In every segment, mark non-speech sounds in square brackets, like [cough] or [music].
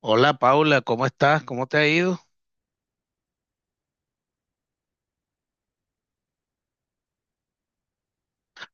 Hola Paula, ¿cómo estás? ¿Cómo te ha ido?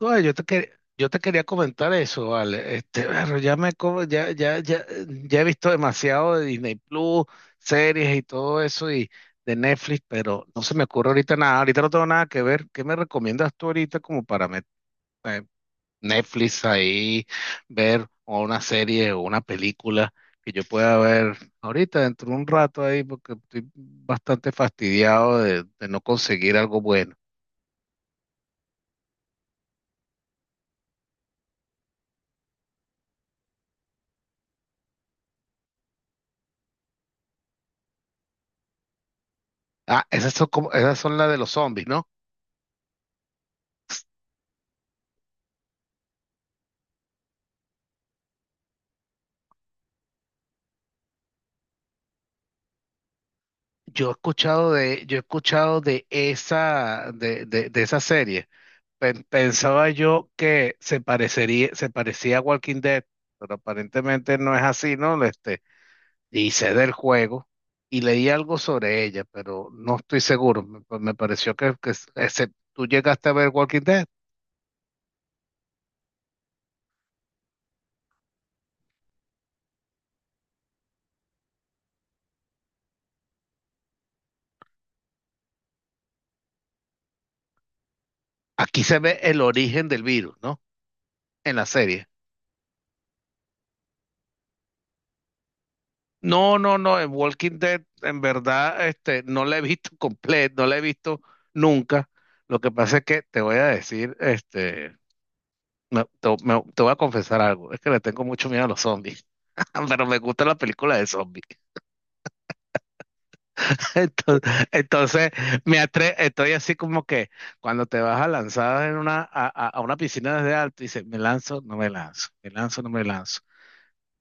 No, yo te quería comentar eso, vale. Pero ya he visto demasiado de Disney Plus, series y todo eso y de Netflix, pero no se me ocurre ahorita nada. Ahorita no tengo nada que ver. ¿Qué me recomiendas tú ahorita como eh, Netflix ahí ver o una serie o una película que yo pueda ver ahorita dentro de un rato ahí porque estoy bastante fastidiado de no conseguir algo bueno? Ah, esas son como, esas son las de los zombies, ¿no? Yo he escuchado de esa, de esa serie. Pensaba yo que se parecía a Walking Dead, pero aparentemente no es así, ¿no? Hice del juego y leí algo sobre ella, pero no estoy seguro. Me pareció tú llegaste a ver Walking Dead. Aquí se ve el origen del virus, ¿no? En la serie. No, no, no, en Walking Dead en verdad no la he visto [laughs] completa, no la he visto nunca. Lo que pasa es que te voy a decir, te voy a confesar algo, es que le tengo mucho miedo a los zombies, [laughs] pero me gusta la película de zombies. [laughs] Entonces, entonces me atre estoy así como que cuando te vas a lanzar en una, a una piscina desde alto, dices, me lanzo, no me lanzo, me lanzo, no me lanzo.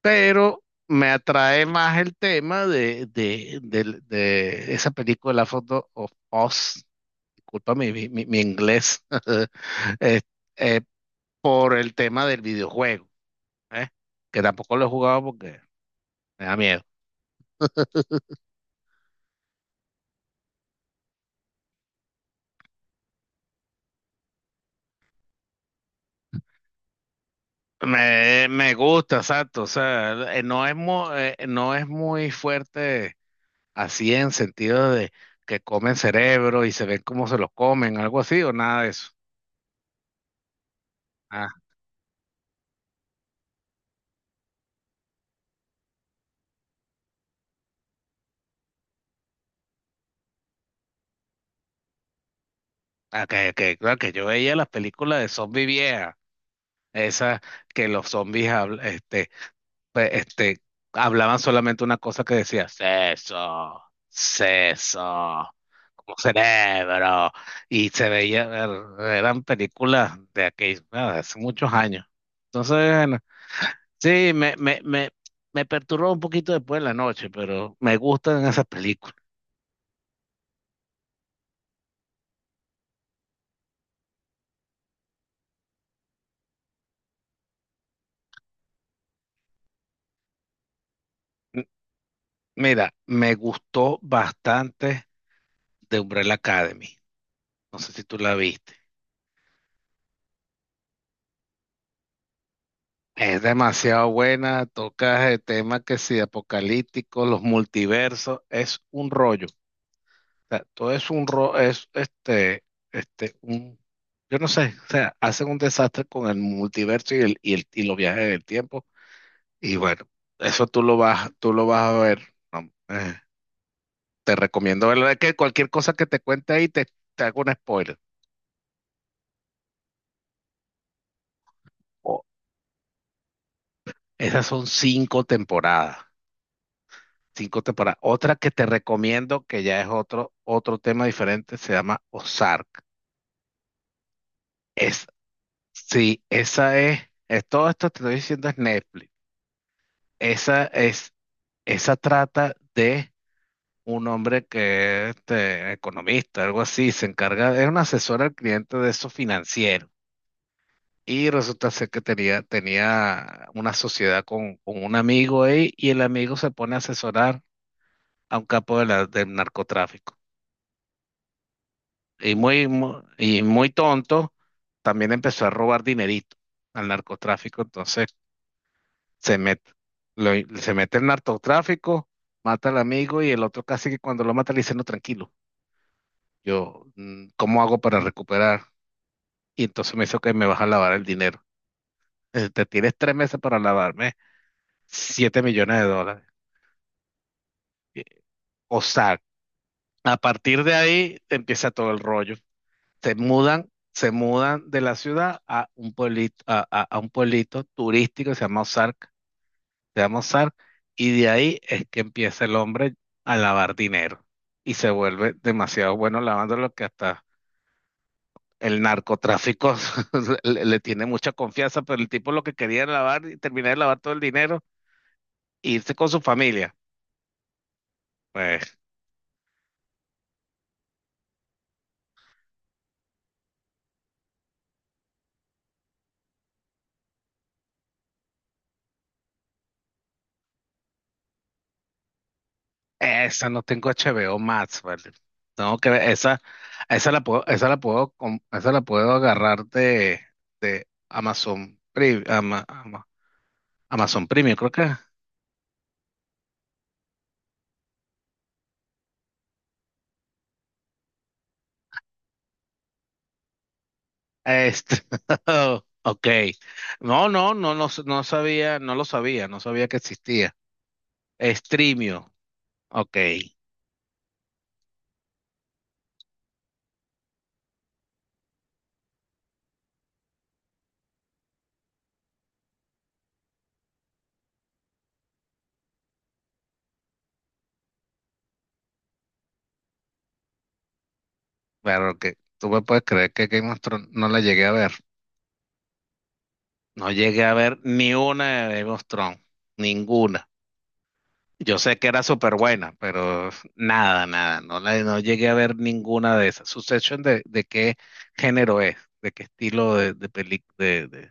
Pero me atrae más el tema de, de esa película Foto of Oz, disculpa mi inglés, [laughs] eh, eh, por el tema del videojuego, ¿eh? Que tampoco lo he jugado porque me da miedo. Me gusta, exacto, o sea, no es muy fuerte así en sentido de que comen cerebro y se ven cómo se lo comen, algo así o nada de eso. Okay, okay, claro que yo veía las películas de zombie viejas, esas que los zombies habl- este, pe- este, hablaban solamente una cosa que decía, seso, seso, como cerebro, y se veía, eran películas de aquellos, ah, hace muchos años. Entonces, bueno, sí, me perturbó un poquito después en la noche, pero me gustan esas películas. M- Mira, me gustó bastante de Umbrella Academy. No sé si tú la viste. Es demasiado buena, toca el tema que si apocalíptico, los multiversos, es un rollo. O sea, todo es un rollo, es este, este, un, yo no sé, o sea, hacen un desastre con el multiverso y los viajes del tiempo. Y bueno, eso tú lo vas a ver. No, te recomiendo verlo. Es que cualquier cosa que te cuente te hago un spoiler. O- esas son cinco temporadas. Cinco temporadas. Otra que te recomiendo, que ya es otro tema diferente, se llama Ozark. Es, sí, todo esto te estoy diciendo es Netflix. Esa es, esa trata de un hombre que es economista, algo así, se encarga, es un asesor al cliente de eso financiero. Y resulta ser que tenía una sociedad con un amigo ahí y el amigo se pone a asesorar a un capo de del narcotráfico. Y y muy tonto, también empezó a robar dinerito al narcotráfico. Entonces se mete, lo- se mete el narcotráfico, mata al amigo y el otro casi que cuando lo mata le dice, no, tranquilo, yo, ¿cómo hago para recuperar? Y entonces me dice que me vas a lavar el dinero. Te tienes tres meses para lavarme siete millones de dólares. Eh, O sea, a partir de ahí empieza todo el rollo. Se mudan de la ciudad a un pueblito, a un pueblito turístico que se llama Ozark, y de ahí es que empieza el hombre a lavar dinero y se vuelve demasiado bueno lavando lo que hasta el narcotráfico [laughs] le tiene mucha confianza, pero el tipo lo que quería era lavar y terminar de lavar todo el dinero e irse con su familia. Pues esa no tengo HBO Max, ¿vale? Tengo que ver, esa, esa la puedo agarrar de, Amazon Premium, Amazon Premium, creo que. Este, [laughs] ok. No, no, no, no, no sabía, no lo sabía, no sabía que existía. Streamio, ok. Claro que tú me puedes creer que Game of Thrones no la llegué a ver. No llegué a ver ni una de Game of Thrones, ninguna. Yo sé que era súper buena, pero nada, nada, no, la, no llegué a ver ninguna de esas. Succession de qué género es, de qué estilo de película,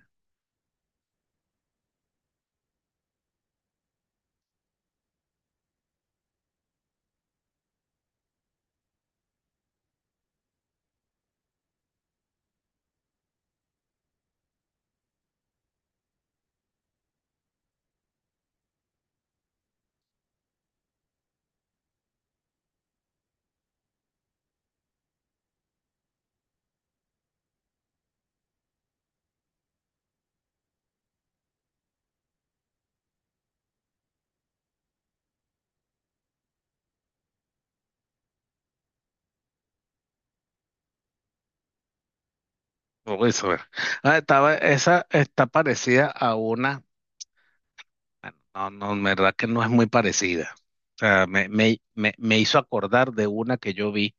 Uy, sobre- ah, estaba, esa está parecida a una, bueno, no, no, en verdad que no es muy parecida. O sea, me hizo acordar de una que yo vi,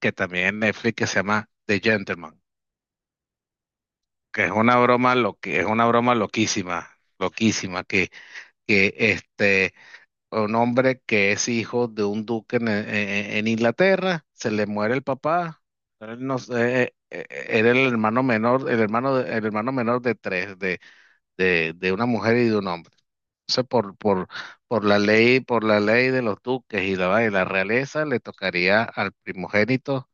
que también en Netflix, que se llama The Gentleman, que es una broma, lo que es una broma loquísima, loquísima, que un hombre que es hijo de un duque en Inglaterra, se le muere el papá, él no sé, era el hermano menor, el hermano, el hermano menor de tres, de una mujer y de un hombre. Entonces, por la ley de los duques y la realeza, le tocaría al primogénito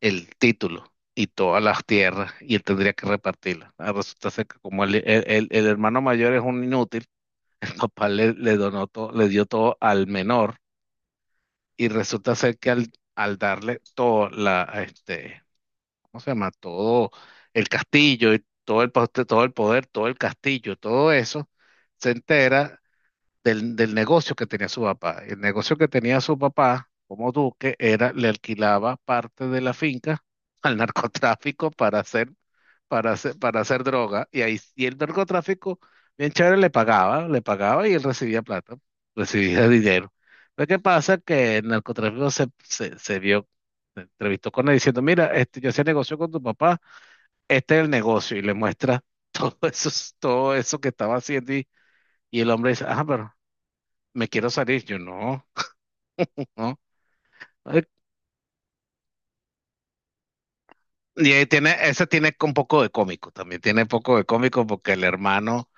el título y todas las tierras, y él tendría que repartirlas. Ah, resulta ser que como el hermano mayor es un inútil, [laughs] el papá le donó todo, le dio todo al menor, y resulta ser que al darle todo la, ¿cómo se llama? Todo el castillo, y todo el, todo el poder, todo el castillo, todo eso, se entera del negocio que tenía su papá. El negocio que tenía su papá como duque era, le alquilaba parte de la finca [laughs] al narcotráfico para hacer, para hacer, para hacer droga. Y ahí, y el narcotráfico, bien chévere, le pagaba y él recibía plata, recibía [laughs] dinero. Pero ¿qué pasa? Que el narcotráfico se vio, se entrevistó con él diciendo, mira, este, yo hacía negocio con tu papá, este es el negocio, y le muestra [laughs] todo eso, todo eso que estaba haciendo, y el hombre dice, ah, pero me quiero salir, yo no, no. Ay, y ahí tiene, ese tiene un poco de cómico, también tiene un poco de cómico porque el hermano,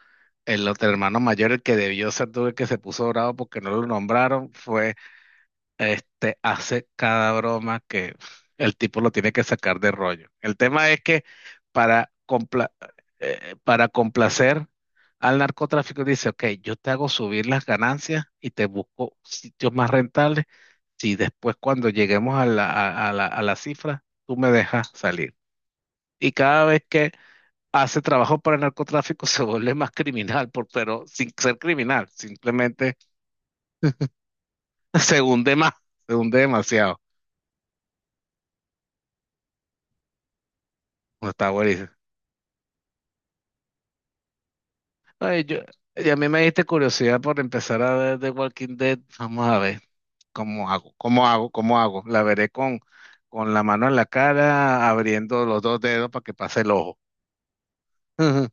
el otro hermano mayor, el que debió ser tú, el que se puso bravo porque no lo nombraron, fue, hace cada broma que el tipo lo tiene que sacar de rollo. El tema es que para, compla- para complacer al narcotráfico dice, ok, yo te hago subir las ganancias y te busco sitios más rentables. Si después cuando lleguemos a la, a la cifra, tú me dejas salir. Y cada vez que hace trabajo para el narcotráfico [laughs] se vuelve más criminal, por, pero sin ser criminal, simplemente [laughs] se hunde más, se hunde demasiado. No está buenísimo. Ay, yo, y a mí me diste curiosidad por empezar a ver The Walking Dead. Vamos a ver cómo hago, cómo hago, cómo hago. La veré con la mano en la cara, abriendo los dos dedos para que pase el ojo. [laughs]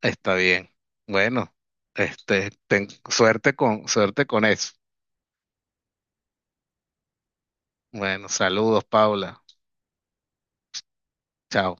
Está bien. Bueno, suerte con eso. Bueno, saludos, Paula. Chao.